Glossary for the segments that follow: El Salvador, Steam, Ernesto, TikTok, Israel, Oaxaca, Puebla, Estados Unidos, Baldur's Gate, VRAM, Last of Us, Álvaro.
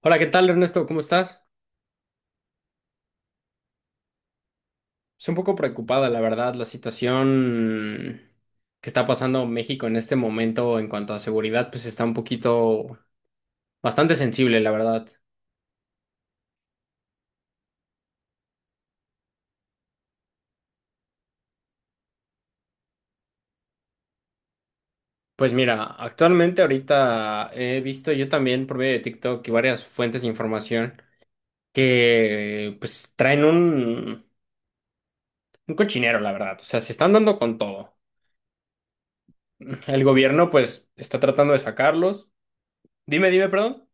Hola, ¿qué tal, Ernesto? ¿Cómo estás? Estoy un poco preocupada, la verdad, la situación que está pasando México en este momento en cuanto a seguridad, pues está un poquito bastante sensible, la verdad. Pues mira, actualmente ahorita he visto yo también por medio de TikTok y varias fuentes de información que pues traen un cochinero, la verdad. O sea, se están dando con todo. El gobierno pues está tratando de sacarlos. Dime, perdón.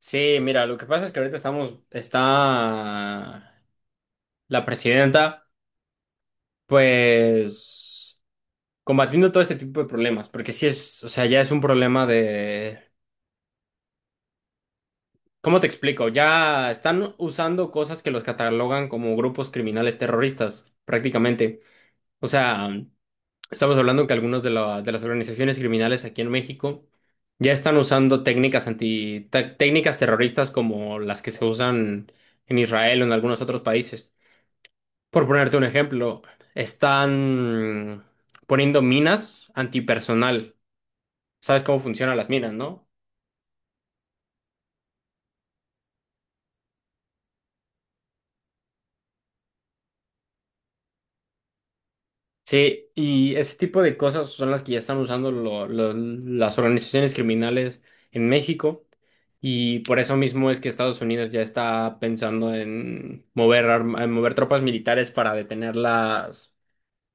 Sí, mira, lo que pasa es que ahorita está la presidenta, pues, combatiendo todo este tipo de problemas, porque sí es, o sea, ya es un problema de, ¿cómo te explico? Ya están usando cosas que los catalogan como grupos criminales terroristas, prácticamente. O sea, estamos hablando que algunas de las organizaciones criminales aquí en México ya están usando técnicas terroristas como las que se usan en Israel o en algunos otros países. Por ponerte un ejemplo, están poniendo minas antipersonal. ¿Sabes cómo funcionan las minas, no? Sí, y ese tipo de cosas son las que ya están usando las organizaciones criminales en México. Y por eso mismo es que Estados Unidos ya está pensando en en mover tropas militares para detener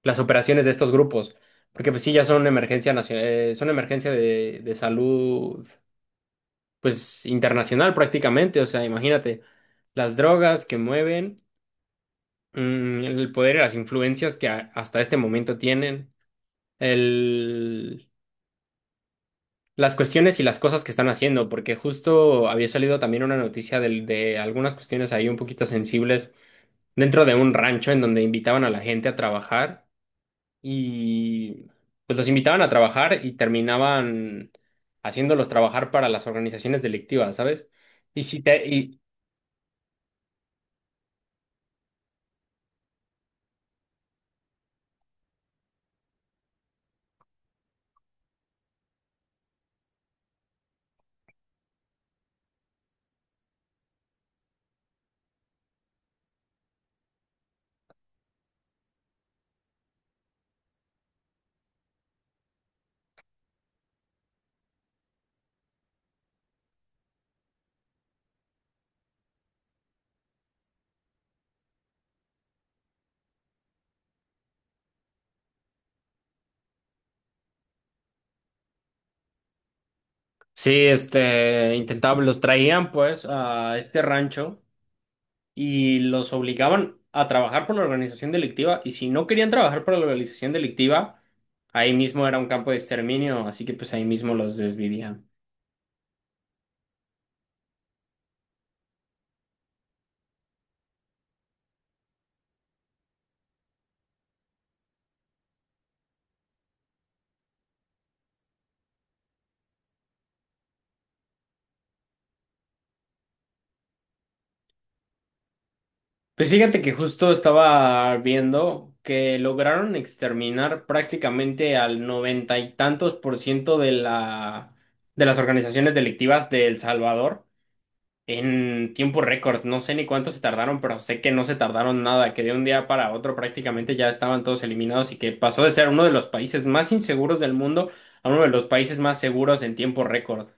las operaciones de estos grupos. Porque pues sí, ya son son emergencia de salud pues internacional prácticamente, o sea, imagínate las drogas que mueven, el poder y las influencias que hasta este momento tienen, el, las cuestiones y las cosas que están haciendo, porque justo había salido también una noticia de algunas cuestiones ahí un poquito sensibles dentro de un rancho en donde invitaban a la gente a trabajar y pues los invitaban a trabajar y terminaban haciéndolos trabajar para las organizaciones delictivas, ¿sabes? Y si te, y, Sí, este, intentaban, los traían pues a este rancho y los obligaban a trabajar por la organización delictiva y si no querían trabajar por la organización delictiva, ahí mismo era un campo de exterminio, así que pues ahí mismo los desvivían. Pues fíjate que justo estaba viendo que lograron exterminar prácticamente al noventa y tantos por ciento de de las organizaciones delictivas de El Salvador. En tiempo récord, no sé ni cuánto se tardaron, pero sé que no se tardaron nada, que de un día para otro prácticamente ya estaban todos eliminados y que pasó de ser uno de los países más inseguros del mundo a uno de los países más seguros en tiempo récord.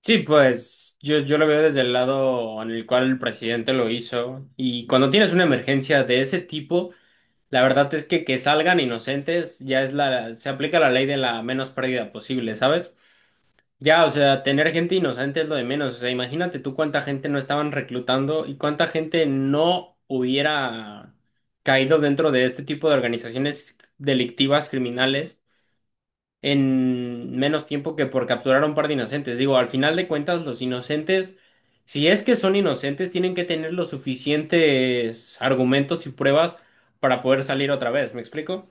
Sí, pues yo lo veo desde el lado en el cual el presidente lo hizo y cuando tienes una emergencia de ese tipo, la verdad es que salgan inocentes ya es se aplica la ley de la menos pérdida posible, ¿sabes? Ya, o sea, tener gente inocente es lo de menos. O sea, imagínate tú cuánta gente no estaban reclutando y cuánta gente no hubiera caído dentro de este tipo de organizaciones delictivas, criminales, en menos tiempo que por capturar a un par de inocentes. Digo, al final de cuentas, los inocentes, si es que son inocentes, tienen que tener los suficientes argumentos y pruebas para poder salir otra vez. ¿Me explico?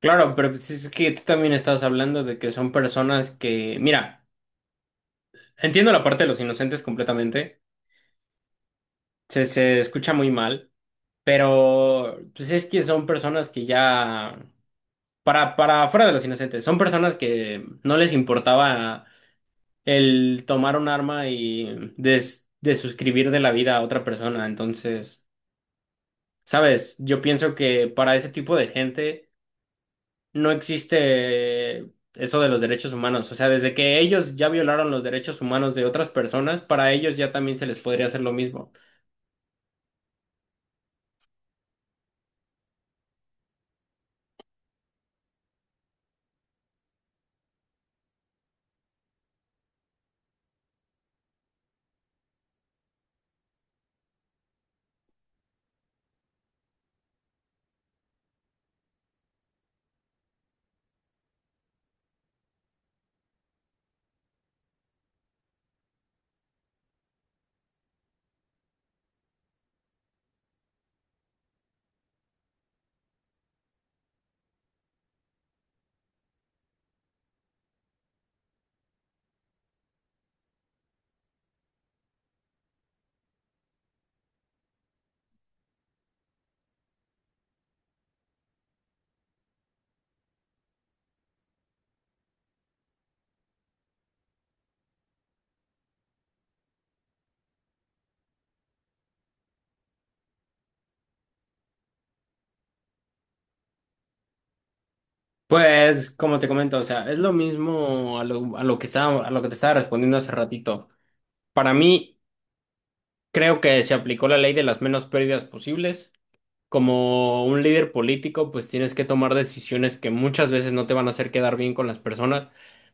Claro, pero pues es que tú también estás hablando de que son personas que, mira. Entiendo la parte de los inocentes completamente. Se escucha muy mal, pero pues es que son personas que ya, para fuera de los inocentes, son personas que no les importaba el tomar un arma y desuscribir de la vida a otra persona. Entonces, sabes, yo pienso que para ese tipo de gente no existe eso de los derechos humanos. O sea, desde que ellos ya violaron los derechos humanos de otras personas, para ellos ya también se les podría hacer lo mismo. Pues, como te comento, o sea, es lo mismo a a lo que estaba, a lo que te estaba respondiendo hace ratito. Para mí, creo que se aplicó la ley de las menos pérdidas posibles. Como un líder político, pues tienes que tomar decisiones que muchas veces no te van a hacer quedar bien con las personas,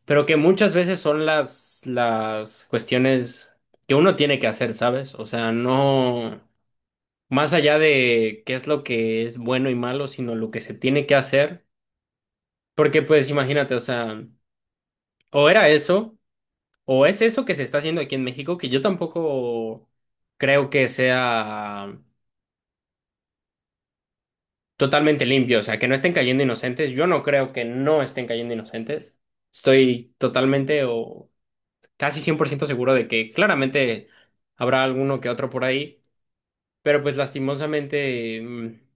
pero que muchas veces son las cuestiones que uno tiene que hacer, ¿sabes? O sea, no más allá de qué es lo que es bueno y malo, sino lo que se tiene que hacer. Porque, pues, imagínate, o sea. O era eso, o es eso que se está haciendo aquí en México, que yo tampoco creo que sea totalmente limpio, o sea, que no estén cayendo inocentes. Yo no creo que no estén cayendo inocentes. Estoy totalmente o casi 100% seguro de que claramente habrá alguno que otro por ahí, pero pues lastimosamente... mm,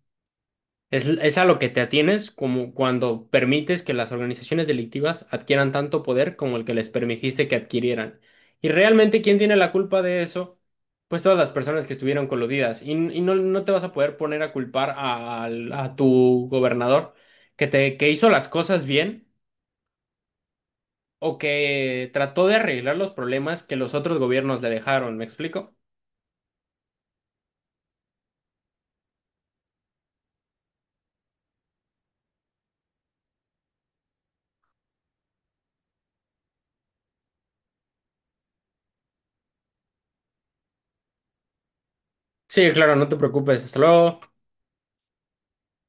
Es a lo que te atienes como cuando permites que las organizaciones delictivas adquieran tanto poder como el que les permitiste que adquirieran. Y realmente, ¿quién tiene la culpa de eso? Pues todas las personas que estuvieron coludidas. Y no te vas a poder poner a culpar a tu gobernador que hizo las cosas bien o que trató de arreglar los problemas que los otros gobiernos le dejaron. ¿Me explico? Sí, claro, no te preocupes. Hasta luego.